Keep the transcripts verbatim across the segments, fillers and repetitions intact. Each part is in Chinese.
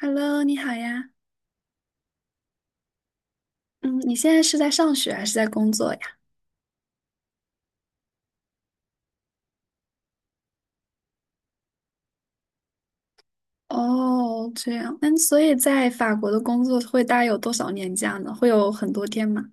Hello，你好呀。嗯，你现在是在上学还是在工作呀？哦，这样。嗯，所以在法国的工作会大概有多少年假呢？会有很多天吗？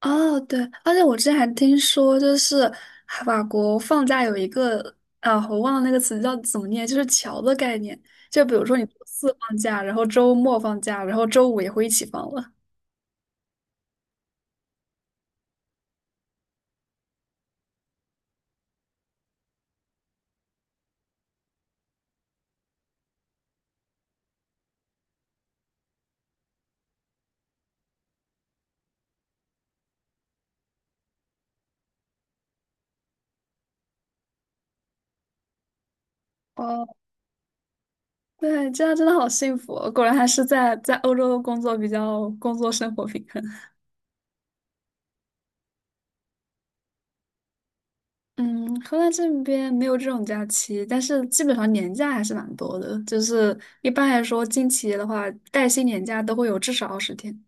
哦，对，而且我之前还听说，就是法国放假有一个啊，我忘了那个词叫怎么念，就是"桥"的概念。就比如说你周四放假，然后周末放假，然后周五也会一起放了。哦，对，这样真的好幸福哦果然还是在在欧洲工作比较工作生活平衡。嗯，荷兰这边没有这种假期，但是基本上年假还是蛮多的。就是一般来说，进企业的话，带薪年假都会有至少二十天。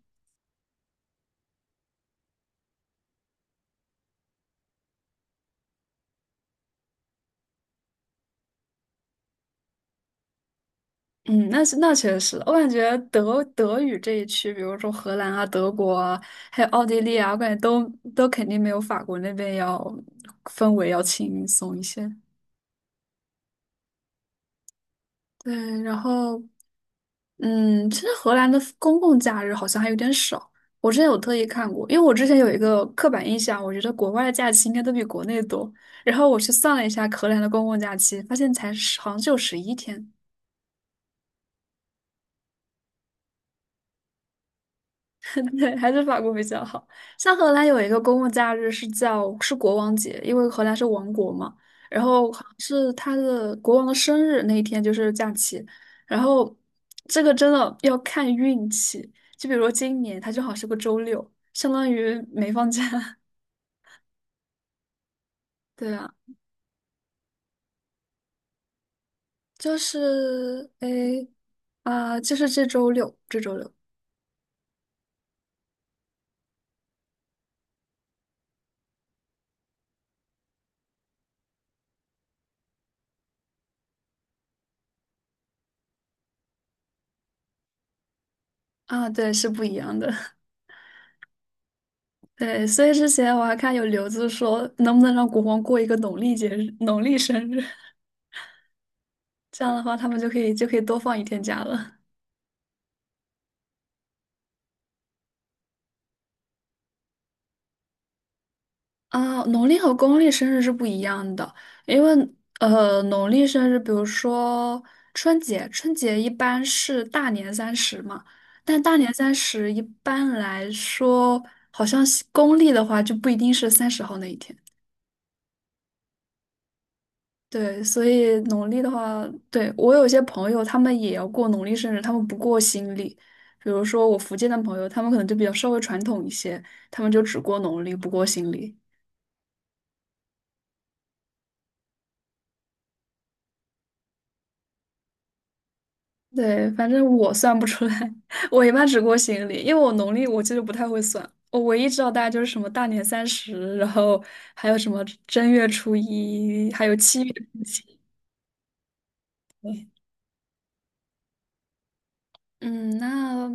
嗯，那是那确实，我感觉德德语这一区，比如说荷兰啊、德国啊，还有奥地利啊，我感觉都都肯定没有法国那边要氛围要轻松一些。对，然后。嗯，其实荷兰的公共假日好像还有点少。我之前有特意看过，因为我之前有一个刻板印象，我觉得国外的假期应该都比国内多。然后我去算了一下荷兰的公共假期，发现才十好像就十一天。对，还是法国比较好。像荷兰有一个公共假日是叫是国王节，因为荷兰是王国嘛，然后好像是他的国王的生日那一天就是假期。然后这个真的要看运气，就比如说今年它正好是个周六，相当于没放假。对啊，就是诶啊、就是这周六，这周六啊，对，是不一样的。对，所以之前我还看有留子说，能不能让国王过一个农历节日、农历生日。这样的话，他们就可以就可以多放一天假了。啊，农历和公历生日是不一样的，因为呃，农历生日，比如说春节，春节一般是大年三十嘛，但大年三十一般来说，好像是公历的话就不一定是三十号那一天。对，所以农历的话，对，我有些朋友他们也要过农历生日，他们不过新历。比如说我福建的朋友，他们可能就比较稍微传统一些，他们就只过农历，不过新历。对，反正我算不出来，我一般只过行历，因为我农历我其实不太会算，我唯一知道大概就是什么大年三十，然后还有什么正月初一，还有七月初七对嗯，那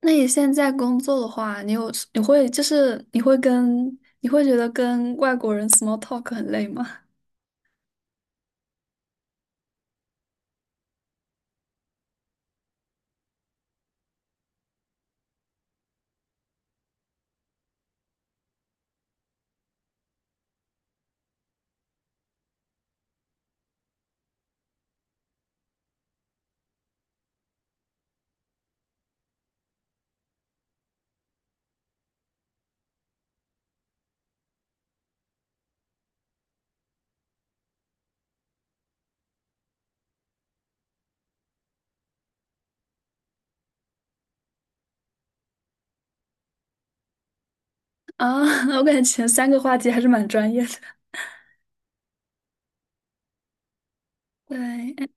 那你现在工作的话，你有你会就是你会跟你会觉得跟外国人 small talk 很累吗？啊，我感觉前三个话题还是蛮专业的。对，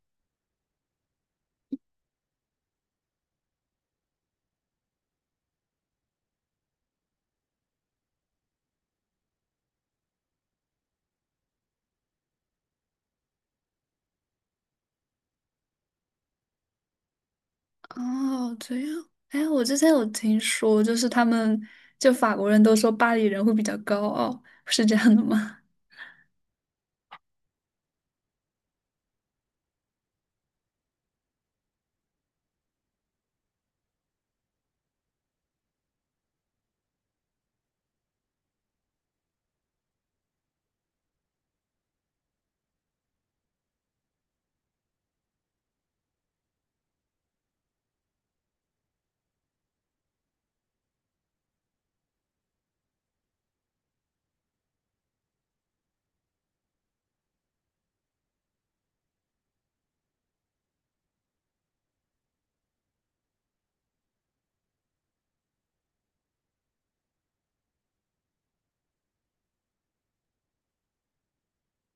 哦，这样。哎，我之前有听说，就是他们就法国人都说巴黎人会比较高傲，是这样的吗？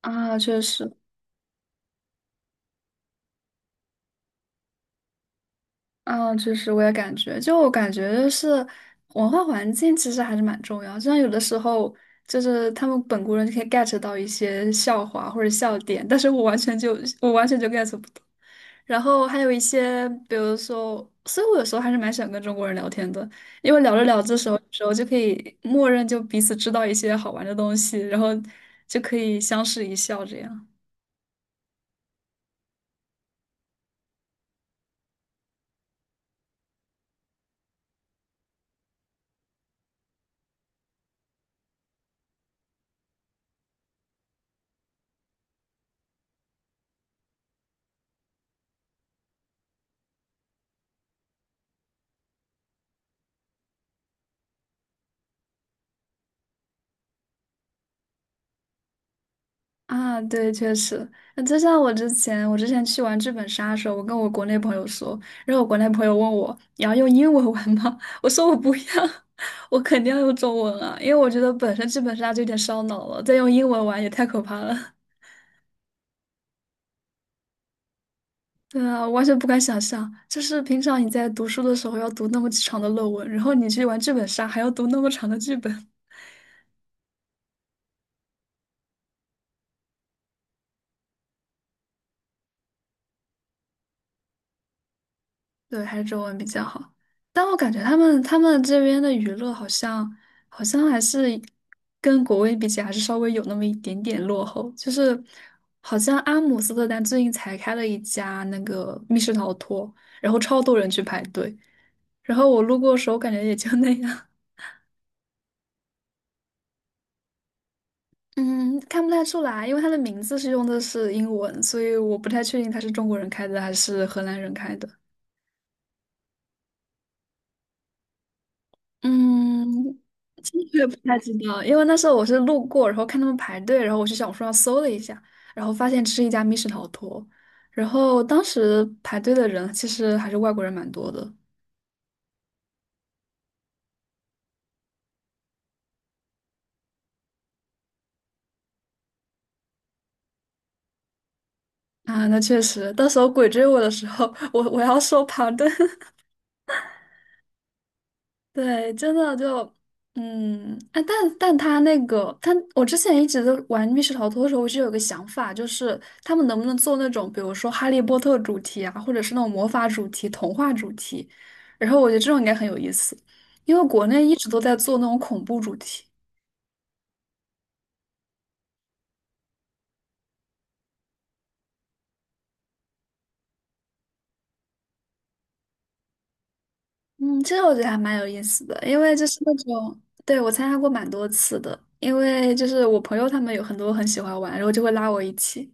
啊，确实，啊，确实，我也感觉，就我感觉就是文化环境其实还是蛮重要。就像有的时候，就是他们本国人就可以 get 到一些笑话或者笑点，但是我完全就我完全就 get 不到。然后还有一些，比如说，所以我有时候还是蛮喜欢跟中国人聊天的，因为聊着聊着的时候，有时候就可以默认就彼此知道一些好玩的东西，然后就可以相视一笑这样。啊，对，确实，那就像我之前，我之前去玩剧本杀的时候，我跟我国内朋友说，然后我国内朋友问我，你要用英文玩吗？我说我不要，我肯定要用中文啊，因为我觉得本身剧本杀就有点烧脑了，再用英文玩也太可怕了。对啊，我完全不敢想象，就是平常你在读书的时候要读那么长的论文，然后你去玩剧本杀还要读那么长的剧本。对，还是中文比较好。但我感觉他们他们这边的娱乐好像好像还是跟国内比起来还是稍微有那么一点点落后，就是好像阿姆斯特丹最近才开了一家那个密室逃脱，然后超多人去排队，然后我路过的时候感觉也就那样。嗯，看不太出来，因为他的名字是用的是英文，所以我不太确定他是中国人开的还是荷兰人开的。嗯，其实我也不太知道，因为那时候我是路过，然后看他们排队，然后我去小红书上搜了一下，然后发现这是一家密室逃脱，然后当时排队的人其实还是外国人蛮多的啊。那确实，到时候鬼追我的时候，我我要说旁队。对，真的就，嗯，哎，但但他那个，他我之前一直都玩密室逃脱的时候，我就有个想法，就是他们能不能做那种，比如说哈利波特主题啊，或者是那种魔法主题、童话主题，然后我觉得这种应该很有意思，因为国内一直都在做那种恐怖主题，嗯，这个我觉得还蛮有意思的，因为就是那种，对，我参加过蛮多次的，因为就是我朋友他们有很多很喜欢玩，然后就会拉我一起。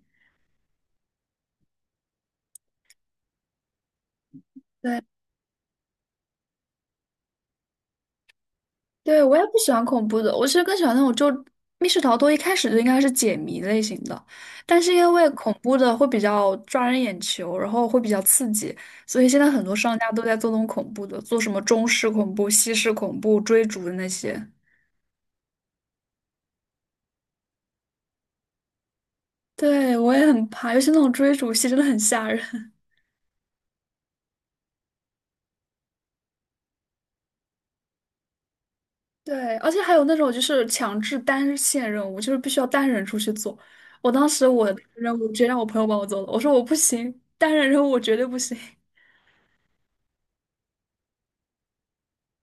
对。对，我也不喜欢恐怖的，我其实更喜欢那种就密室逃脱，一开始就应该是解谜类型的，但是因为恐怖的会比较抓人眼球，然后会比较刺激，所以现在很多商家都在做那种恐怖的，做什么中式恐怖、西式恐怖、追逐的那些。对，我也很怕，尤其那种追逐戏真的很吓人。对，而且还有那种就是强制单线任务，就是必须要单人出去做。我当时我的任务直接让我朋友帮我做了，我说我不行，单人任务我绝对不行。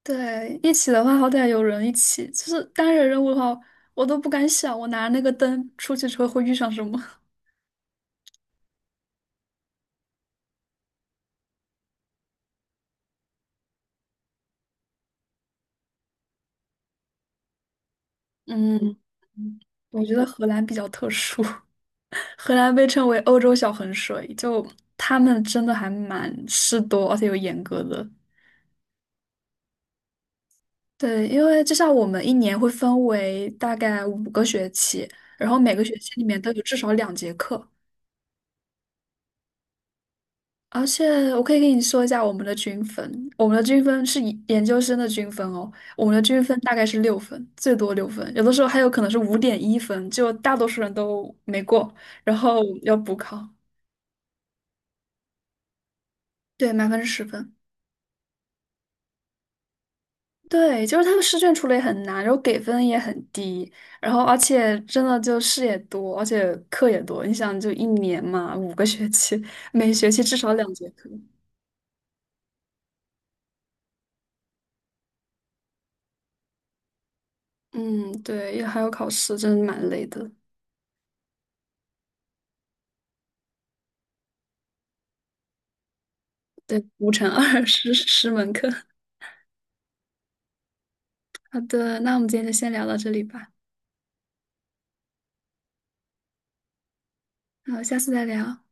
对，一起的话，好歹有人一起。就是单人任务的话，我都不敢想，我拿那个灯出去之后会遇上什么。嗯，我觉得荷兰比较特殊，荷兰被称为欧洲小衡水，就他们真的还蛮事多，而且有严格的。对，因为就像我们一年会分为大概五个学期，然后每个学期里面都有至少两节课，而且我可以跟你说一下我们的均分，我们的均分，是以研究生的均分哦，我们的均分大概是六分，最多六分，有的时候还有可能是五点一分，就大多数人都没过，然后要补考。对，满分是十分。对，就是他们试卷出的也很难，然后给分也很低，然后而且真的就事也多，而且课也多。你想，就一年嘛，五个学期，每学期至少两节课。嗯，对，也还有考试，真的蛮累的。对，五乘二十十门课。好的，那我们今天就先聊到这里吧，好，下次再聊。